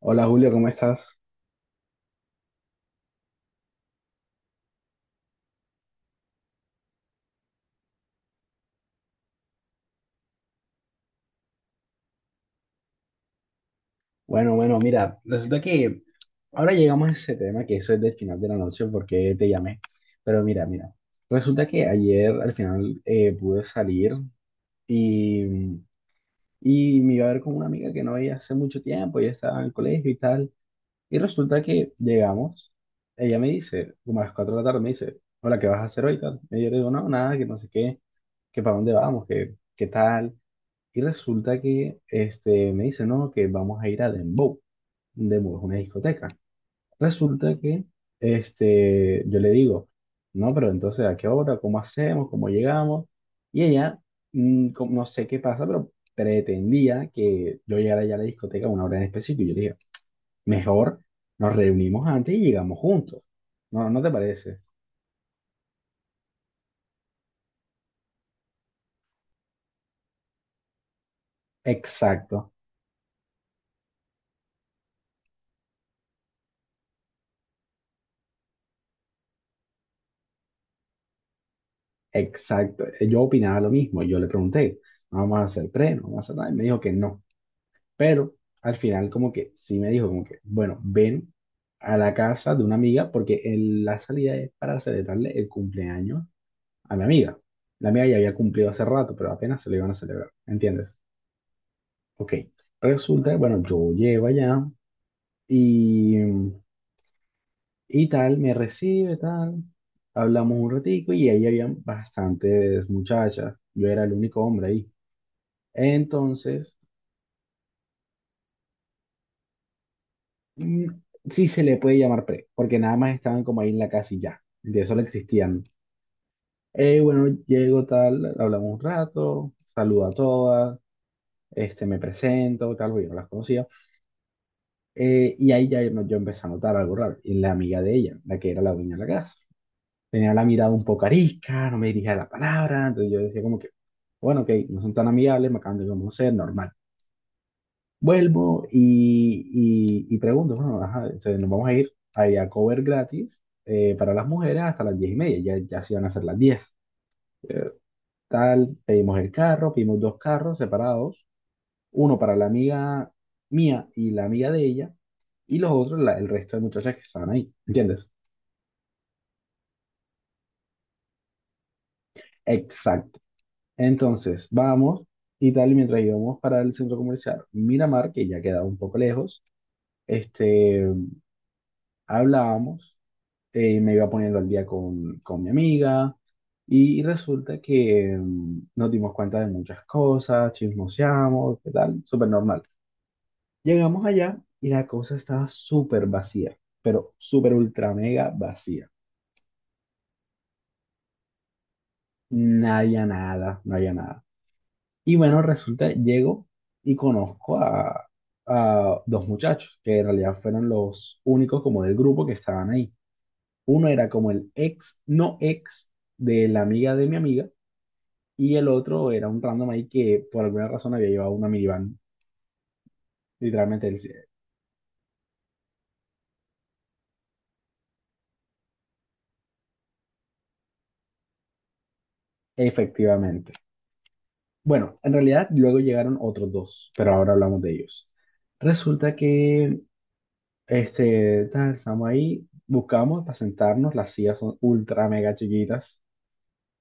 Hola Julio, ¿cómo estás? Bueno, bueno, mira, resulta que ahora llegamos a ese tema que eso es del final de la noche porque te llamé. Pero mira, mira, resulta que ayer al final pude salir y, y me iba a ver con una amiga que no veía hace mucho tiempo, ella estaba en el colegio y tal. Y resulta que llegamos, ella me dice, como a las 4 de la tarde, me dice, hola, ¿qué vas a hacer hoy? Tal. Y yo le digo, no, nada, que no sé qué, que para dónde vamos, que qué tal. Y resulta que este, me dice, no, que vamos a ir a Dembow. Dembow es una discoteca. Resulta que este, yo le digo, no, pero entonces, ¿a qué hora? ¿Cómo hacemos? ¿Cómo llegamos? Y ella, no sé qué pasa, pero pretendía que yo llegara ya a la discoteca a una hora en específico. Y yo le dije, mejor nos reunimos antes y llegamos juntos. ¿No, no te parece? Exacto, exacto. Yo opinaba lo mismo. Yo le pregunté, ¿no vamos a hacer pre? ¿No vamos a hacer nada? Y me dijo que no. Pero al final como que sí me dijo como que, bueno, ven a la casa de una amiga porque la salida es para celebrarle el cumpleaños a mi amiga. La amiga ya había cumplido hace rato, pero apenas se lo iban a celebrar, ¿entiendes? Ok. Resulta que, bueno, yo llego allá y, y tal, me recibe, tal. Hablamos un ratico y ahí habían bastantes muchachas. Yo era el único hombre ahí. Entonces, mm, sí se le puede llamar pre, porque nada más estaban como ahí en la casa y ya, de solo existían. Bueno, llego tal, hablamos un rato, saludo a todas, este, me presento, tal, porque yo no las conocía. Y ahí yo empecé a notar algo raro, y la amiga de ella, la que era la dueña de la casa tenía la mirada un poco arisca, no me dirigía la palabra, entonces yo decía como que, bueno, ok, no son tan amigables, me acaban de conocer, normal. Vuelvo y pregunto, bueno, ajá, entonces nos vamos a ir ahí a cover gratis para las mujeres hasta las 10:30, ya, ya se iban a ser las 10. Tal, pedimos el carro, pedimos dos carros separados, uno para la amiga mía y la amiga de ella, y los otros, el resto de muchachas que estaban ahí, ¿entiendes? Exacto. Entonces, vamos y tal, y mientras íbamos para el centro comercial Miramar, que ya queda un poco lejos, este, hablábamos, me iba poniendo al día con, mi amiga y resulta que nos dimos cuenta de muchas cosas, chismoseamos, qué tal, súper normal. Llegamos allá y la cosa estaba súper vacía, pero súper ultra mega vacía. No había nada, no había nada. Y bueno, resulta, llego y conozco a, dos muchachos que en realidad fueron los únicos como del grupo que estaban ahí. Uno era como el ex, no ex, de la amiga de mi amiga. Y el otro era un random ahí que por alguna razón había llevado una minivan. Literalmente, él sí... efectivamente. Bueno, en realidad luego llegaron otros dos, pero ahora hablamos de ellos. Resulta que este, tal, estamos ahí, buscamos para sentarnos, las sillas son ultra mega chiquitas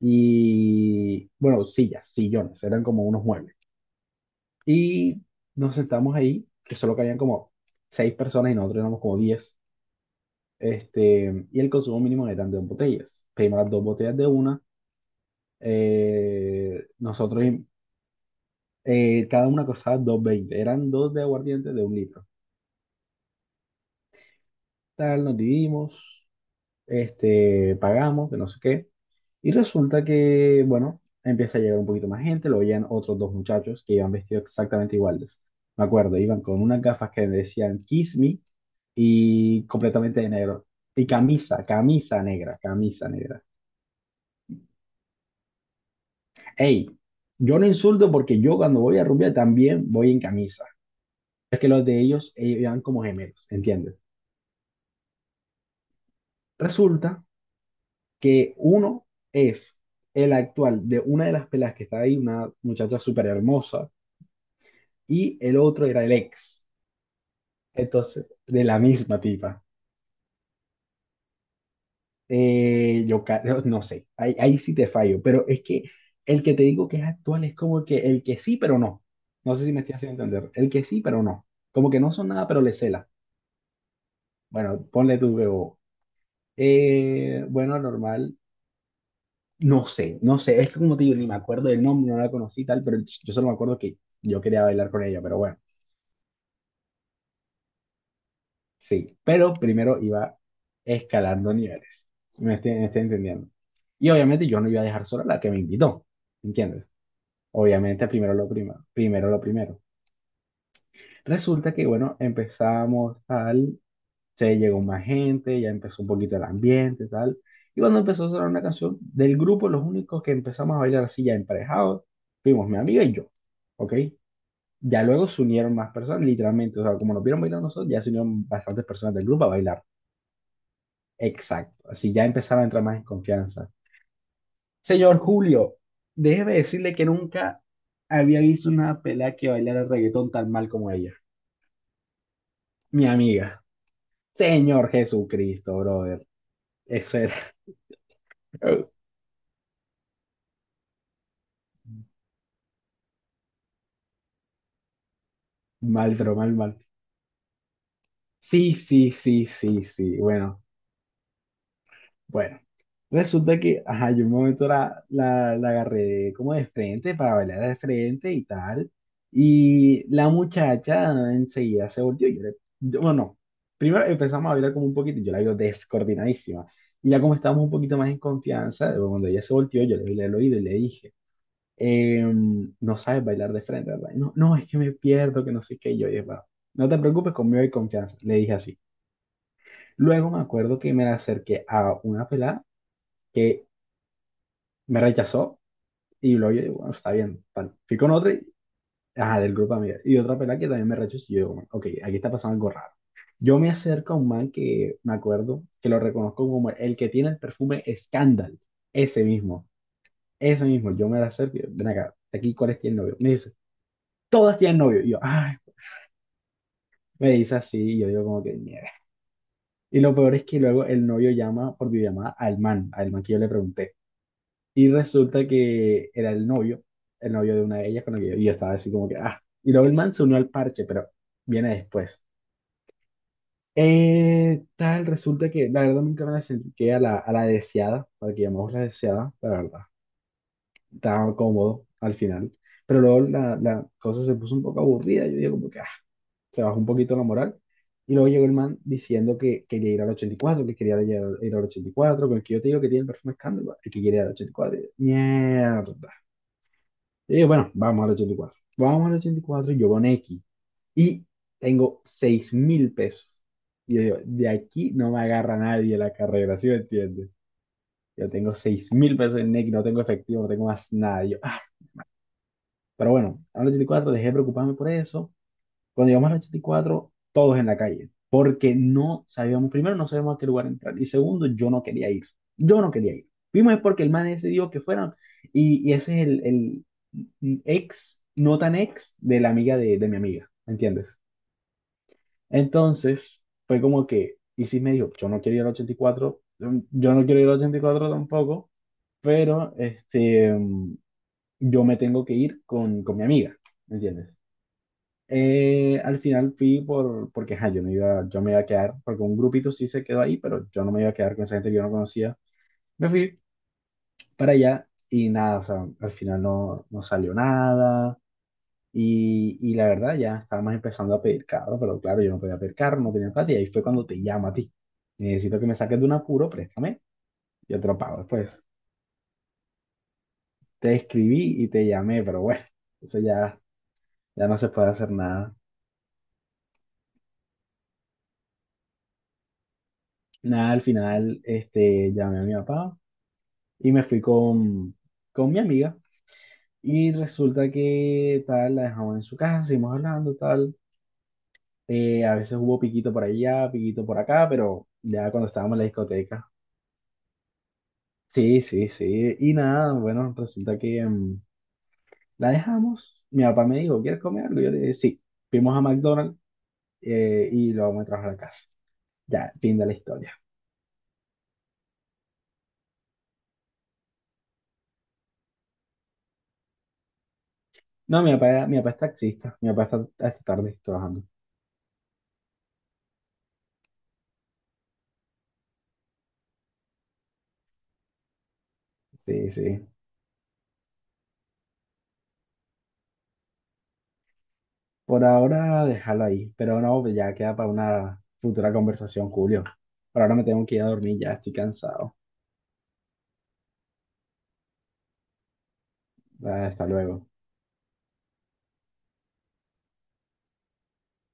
y, bueno, sillas, sillones, eran como unos muebles. Y nos sentamos ahí, que solo cabían como seis personas y nosotros éramos como 10. Este, y el consumo mínimo de tantas botellas. Pedimos las dos botellas de una. eh, nosotros, cada una costaba dos veinte. Eran dos de aguardiente de un litro. Tal, nos dividimos, este, pagamos, de no sé qué. Y resulta que, bueno, empieza a llegar un poquito más gente. Lo veían otros dos muchachos que iban vestidos exactamente iguales. Me acuerdo, iban con unas gafas que decían Kiss Me y completamente de negro. Y camisa, camisa negra, camisa negra. Hey, yo no insulto porque yo cuando voy a rubia también voy en camisa. Es que los de ellos eran como gemelos, ¿entiendes? Resulta que uno es el actual de una de las pelas que está ahí, una muchacha súper hermosa, y el otro era el ex, entonces, de la misma tipa. No, sé, ahí sí te fallo, pero es que el que te digo que es actual es como que el que sí, pero no. No sé si me estoy haciendo entender. El que sí, pero no. Como que no son nada, pero le cela. Bueno, ponle tu BO. Bueno, normal. No sé, no sé. Es que como te digo, ni me acuerdo del nombre, no la conocí y tal, pero yo solo me acuerdo que yo quería bailar con ella, pero bueno, sí. Pero primero iba escalando niveles. ¿Sí? ¿Me estoy entendiendo? Y obviamente yo no iba a dejar sola a la que me invitó, ¿entiendes? Obviamente primero lo primero, primero lo primero. Resulta que, bueno, empezamos tal. Se llegó más gente, ya empezó un poquito el ambiente y tal. Y cuando empezó a sonar una canción del grupo, los únicos que empezamos a bailar así ya emparejados, fuimos mi amiga y yo, ¿ok? Ya luego se unieron más personas, literalmente, o sea, como nos vieron bailar nosotros, ya se unieron bastantes personas del grupo a bailar. Exacto, así ya empezaron a entrar más en confianza. Señor Julio, déjeme decirle que nunca había visto una pelada que bailara reggaetón tan mal como ella. Mi amiga. Señor Jesucristo, brother. Eso era. Mal, pero mal, mal. Sí, sí, sí, sí, sí. Bueno, bueno. Resulta que, ajá, yo un momento la, agarré como de frente para bailar de frente y tal. Y la muchacha enseguida se volteó. Bueno, no. Primero empezamos a bailar como un poquito. Yo la veo descoordinadísima. Y ya como estábamos un poquito más en confianza, cuando ella se volteó, yo le vi el oído y le dije, no sabes bailar de frente, ¿verdad? No, no, es que me pierdo, que no sé qué. Y yo dije, "Bueno, no te preocupes, conmigo hay confianza". Le dije así. Luego me acuerdo que me acerqué a una pelada que me rechazó y luego yo digo, bueno, está bien, tal. Fui con otra, ajá, del grupo de amigas, y otra pelada que también me rechazó y yo digo, bueno, ok, aquí está pasando algo raro. Yo me acerco a un man que me acuerdo que lo reconozco como el que tiene el perfume Scandal, ese mismo, ese mismo. Yo me acerco y yo, ven acá, aquí, ¿cuál es el novio? Me dice, todas tienen novio. Y yo, ay, me dice así y yo digo como que, mierda. Y lo peor es que luego el novio llama por videollamada al man que yo le pregunté. Y resulta que era el novio de una de ellas con la que yo, y yo estaba así como que, ah, y luego el man se unió al parche, pero viene después. Tal, resulta que la verdad nunca me la acerqué a la, deseada, para que llamamos la deseada, la verdad. Estaba cómodo al final, pero luego la cosa se puso un poco aburrida, yo digo como que, ah, se bajó un poquito la moral. Y luego llegó el man diciendo que quería ir al 84, que quería ir, al 84, con el que yo te digo que tiene el perfume escándalo, el que quiere ir al 84. Y cuatro. Y yo, mierda. Y yo, bueno, vamos al 84. Vamos al ochenta y cuatro y yo con X. Y tengo 6.000 pesos. Y yo digo, de aquí no me agarra nadie la carrera, ¿sí me entiendes? Yo tengo 6.000 pesos en X, no tengo efectivo, no tengo más nada. Y yo, ah. Pero bueno, al 84 dejé de preocuparme por eso. Cuando llegamos al 84, todos en la calle, porque no sabíamos, primero no sabíamos a qué lugar entrar, y segundo, yo no quería ir, yo no quería ir. Vimos es porque el man decidió que fueran, y, ese es el ex, no tan ex, de la amiga de, mi amiga, ¿entiendes? Entonces, fue como que, y sí me dijo, yo no quiero ir al 84, yo no quiero ir al 84 tampoco, pero este, yo me tengo que ir con, mi amiga, ¿entiendes? Al final fui porque ajá, yo, no iba, yo me iba a quedar, porque un grupito sí se quedó ahí, pero yo no me iba a quedar con esa gente que yo no conocía. Me fui para allá y nada, o sea, al final no, no salió nada. Y la verdad ya estábamos empezando a pedir carro, pero claro, yo no podía pedir carro, no tenía plata y ahí fue cuando te llamo a ti. Necesito que me saques de un apuro, préstame, yo te lo pago después. Te escribí y te llamé, pero bueno, eso ya, ya no se puede hacer nada. Nada, al final este, llamé a mi papá. Y me fui con, mi amiga. Y resulta que tal, la dejamos en su casa, seguimos hablando, tal. A veces hubo piquito por allá, piquito por acá, pero ya cuando estábamos en la discoteca. Sí, sí, sí. Y nada, bueno, resulta que la dejamos. Mi papá me dijo, ¿quieres comer algo? Yo le dije, sí. Fuimos a McDonald's, y lo vamos a trabajar a la casa. Ya, fin de la historia. No, mi papá es taxista. Mi papá está hasta tarde trabajando. Sí, sí. Por ahora, déjalo ahí, pero no, pues ya queda para una futura conversación, Julio. Por ahora me tengo que ir a dormir, ya estoy cansado. Ah, hasta luego.